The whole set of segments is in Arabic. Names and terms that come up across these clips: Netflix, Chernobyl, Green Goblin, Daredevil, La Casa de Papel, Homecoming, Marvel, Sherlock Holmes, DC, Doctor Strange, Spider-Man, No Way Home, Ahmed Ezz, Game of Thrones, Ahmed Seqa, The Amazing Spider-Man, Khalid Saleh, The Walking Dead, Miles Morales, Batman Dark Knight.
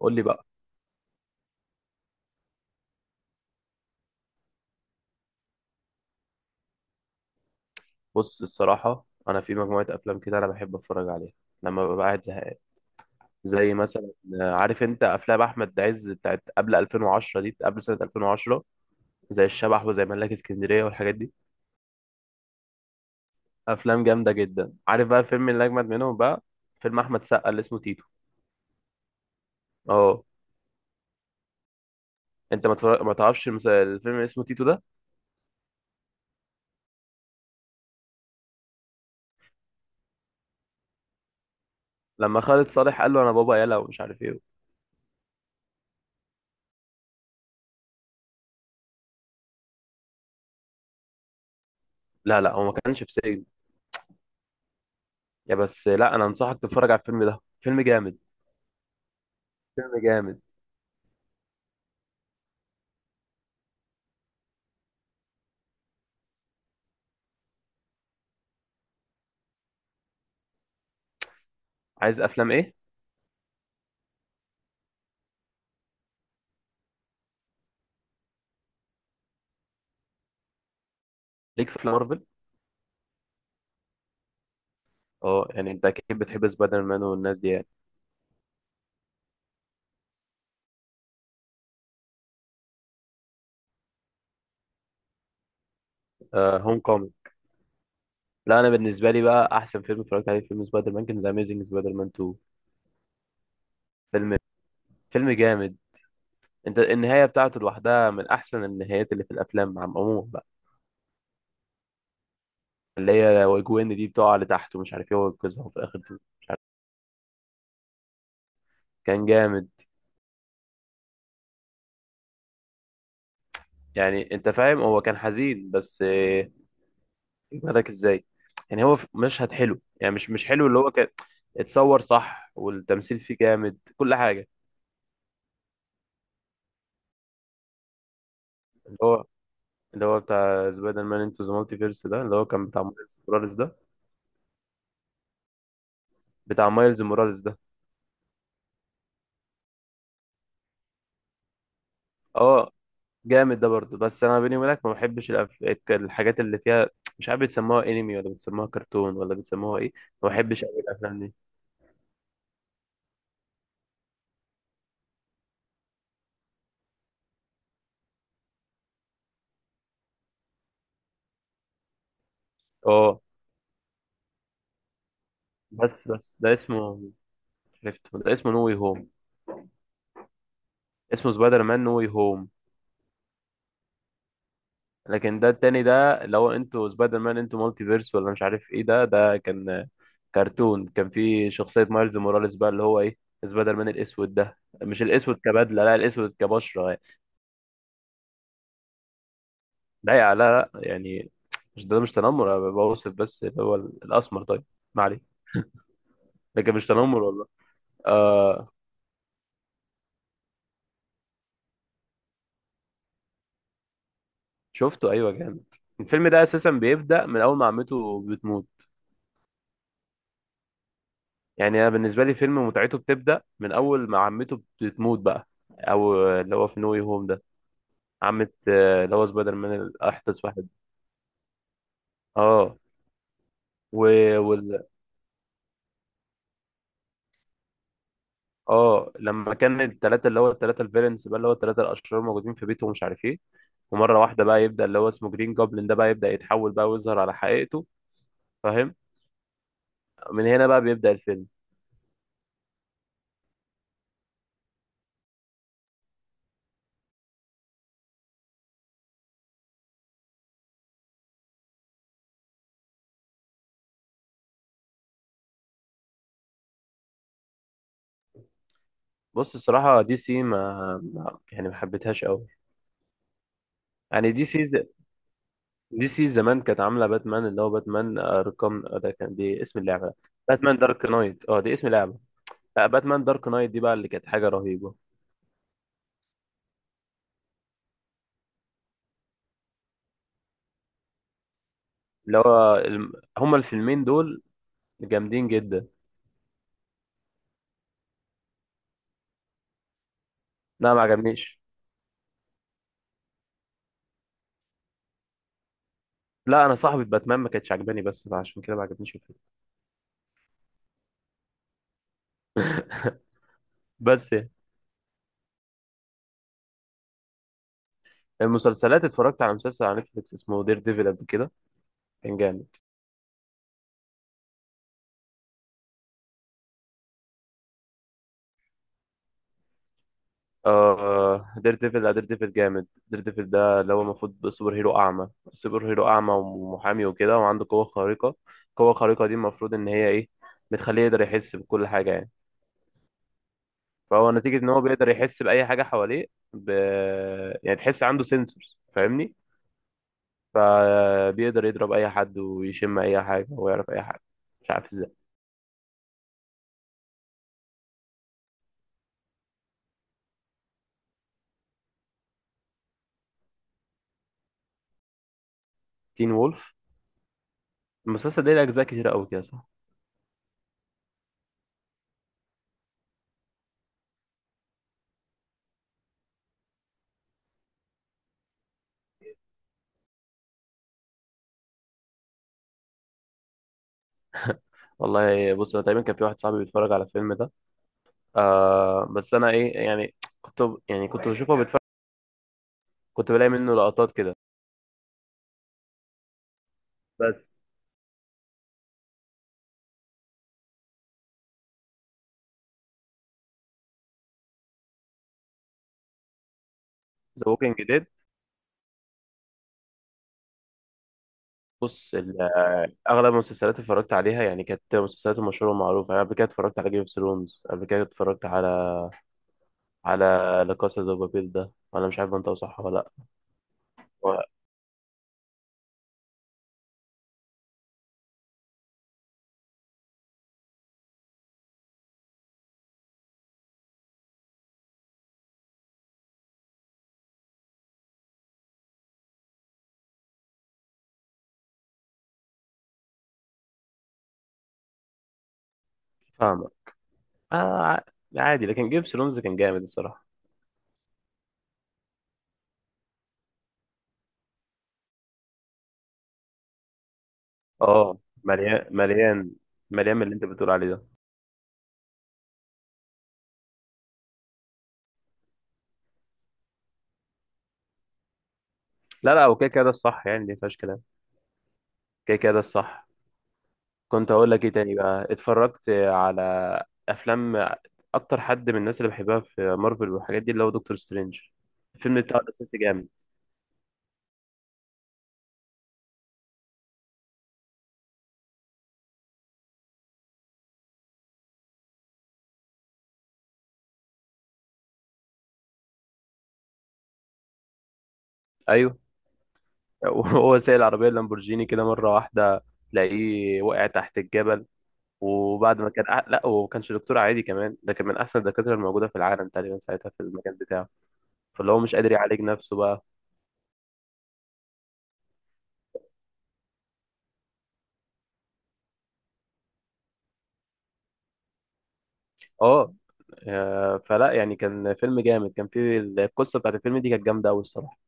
قول لي بقى. بص الصراحة أنا في مجموعة أفلام كده، أنا بحب أتفرج عليها لما ببقى قاعد زهقان، زي مثلا عارف أنت أفلام أحمد عز بتاعت قبل 2010 دي، قبل سنة 2010، زي الشبح وزي ملاك اسكندرية والحاجات دي. أفلام جامدة جدا. عارف بقى الفيلم اللي أجمد منهم بقى؟ فيلم أحمد سقا اللي اسمه تيتو. أه. أنت ما تعرفش الفيلم اللي اسمه تيتو ده، لما خالد صالح قال له أنا بابا يلا ومش عارف إيه. لا، هو ما كانش في سجن. يا بس لا، أنا أنصحك تتفرج على الفيلم ده، فيلم جامد. فيلم جامد. عايز أفلام إيه؟ ليك في مارفل. اه، يعني انت اكيد بتحب سبايدر مان والناس دي يعني. آه، هوم كومينج. لا انا بالنسبه لي بقى احسن فيلم اتفرجت عليه فيلم سبايدر مان كان ذا اميزنج سبايدر مان 2. فيلم. فيلم جامد. انت النهايه بتاعته لوحدها من احسن النهايات اللي في الافلام عم عموما بقى، اللي هي وجوين دي بتقع لتحت ومش عارف ايه وينقذها وفي الاخر تموت. كان جامد. يعني انت فاهم هو كان حزين، بس يجمدك ازاي. يعني هو مشهد حلو، يعني مش حلو اللي هو كان اتصور صح، والتمثيل فيه جامد، كل حاجه. اللي هو اللي هو بتاع سبايدر مان انتو ذا مالتي فيرس ده، اللي هو كان بتاع مايلز موراليس ده. بتاع مايلز موراليس ده. اه، جامد ده برضه، بس انا بيني وبينك ما بحبش الحاجات اللي فيها، مش عارف بتسموها انمي ولا بتسموها كرتون ولا بتسموها ايه. ما بحبش قوي الافلام دي. اه، بس ده اسمه، عرفته، ده اسمه نو واي هوم. اسمه سبايدر مان نو واي هوم. لكن ده التاني ده، اللي هو انتوا سبايدر مان انتوا مالتي فيرس ولا مش عارف ايه، ده كان كرتون، كان في شخصية مايلز موراليس بقى اللي هو ايه، سبايدر مان الاسود ده. مش الاسود كبدلة، لا، الاسود كبشرة يعني. ده لا لا يعني، مش ده مش تنمر، انا بوصف بس اللي هو الاسمر طيب. ما عليه، لكن مش تنمر والله. آه. شفته، ايوه، جامد. الفيلم ده اساسا بيبدأ من اول ما عمته بتموت. يعني انا بالنسبة لي فيلم متعته بتبدأ من اول ما عمته بتموت بقى، او اللي هو في نو واي هوم ده، عمة اللي هو سبايدر مان احدث واحد. اه. و- وال اه، لما كان الثلاثه اللي هو الثلاثه الفيلنس بقى، اللي هو الثلاثه الاشرار موجودين في بيته ومش عارف ايه، ومره واحده بقى يبدا اللي هو اسمه جرين جوبلin ده بقى يبدا يتحول بقى ويظهر على حقيقته، فاهم؟ من هنا بقى بيبدا الفيلم. بص الصراحه دي سي يعني ما حبيتهاش قوي. يعني دي سي زمان كانت عامله باتمان، اللي هو باتمان ارقام ده، كان دي اسم اللعبه. باتمان دارك نايت، اه، دي اسم لعبه. لا باتمان دارك نايت دي بقى اللي كانت حاجه رهيبه. هما الفيلمين دول جامدين جدا. لا ما عجبنيش. لا انا صاحبة باتمان ما كانتش عجباني، بس فعشان كده ما عجبنيش الفيلم. بس يعني. المسلسلات اتفرجت على مسلسل على نتفليكس اسمه دير ديفل قبل كده، كان جامد. آه دير ديفل. لا دير ديفل جامد. دير ديفل ده اللي هو المفروض سوبر هيرو اعمى. سوبر هيرو اعمى ومحامي وكده وعنده قوة خارقة. القوة الخارقة دي المفروض ان هي ايه؟ بتخليه يقدر يحس بكل حاجة يعني. فهو نتيجة ان هو بيقدر يحس بأي حاجة حواليه، ب... يعني تحس عنده سنسورز، فاهمني؟ فبيقدر يضرب أي حد ويشم أي حاجة ويعرف أي حاجة، مش عارف ازاي. تين وولف. المسلسل ده ليه أجزاء كتير أوي كده صح؟ والله بص أنا تقريبا كان في واحد صاحبي بيتفرج على الفيلم ده. آه بس أنا إيه يعني، كنت، يعني كنت بشوفه بيتفرج، كنت بلاقي منه لقطات كده، بس. ذا ووكينج ديد. بص ال- آه، اغلب المسلسلات اللي اتفرجت عليها يعني كانت مسلسلات مشهوره ومعروفه يعني. قبل كده اتفرجت على جيم اوف ثرونز، قبل كده اتفرجت على على لا كاسا دو بابيل ده، انا مش عارف انت صح ولا لا. هو- فاهمه. آه. ع- عادي، لكن جيم اوف ثرونز كان جامد الصراحه. اه، مليان. مليان من اللي انت بتقول عليه ده. لا اوكي، كده ده الصح يعني، دي مفيهاش كلام. كده كده ده الصح. كنت اقول لك ايه تاني بقى، اتفرجت على افلام اكتر حد من الناس اللي بحبها في مارفل والحاجات دي اللي هو دكتور سترينج. الفيلم بتاعه الاساسي جامد. ايوه. وهو سايق العربيه اللامبورجيني كده مره واحده تلاقيه وقع تحت الجبل. وبعد ما كان لا هو ما كانش دكتور عادي كمان، ده كان من احسن الدكاتره الموجوده في العالم تقريبا ساعتها في المجال بتاعه. فاللي هو مش قادر يعالج نفسه بقى. اه. فلا يعني كان فيلم جامد، كان فيه القصه بتاعت الفيلم دي كانت جامده قوي الصراحه.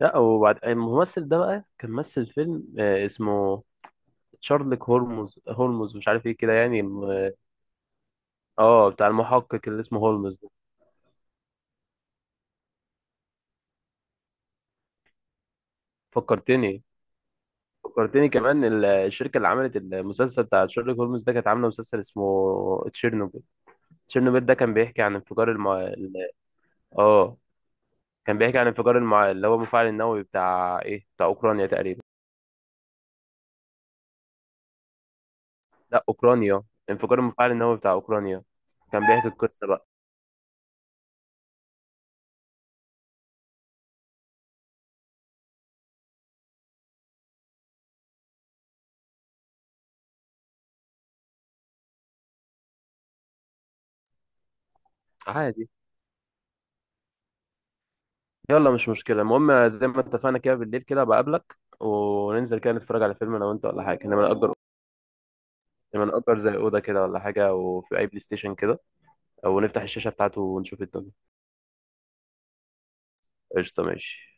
لا وبعد الممثل ده بقى كان مثل فيلم اسمه شارلوك هولمز، هولمز مش عارف ايه كده يعني اه بتاع المحقق اللي اسمه هولمز ده. فكرتني، فكرتني كمان الشركه اللي عملت المسلسل بتاع شارلوك هولمز ده كانت عامله مسلسل اسمه تشيرنوبل. تشيرنوبيل ده كان بيحكي عن اه كان بيحكي عن اللي هو المفاعل النووي بتاع ايه، بتاع اوكرانيا تقريبا. لا اوكرانيا، انفجار المفاعل النووي بتاع اوكرانيا. كان بيحكي القصة بقى. عادي. يلا مش مشكلة، المهم زي ما اتفقنا كده بالليل كده بقابلك وننزل كده نتفرج على فيلم انا وانت ولا حاجة، لما نأجر، لما نأجر زي أوضة كده ولا حاجة وفي أي بلاي ستيشن كده، أو نفتح الشاشة بتاعته ونشوف الدنيا. قشطة ماشي.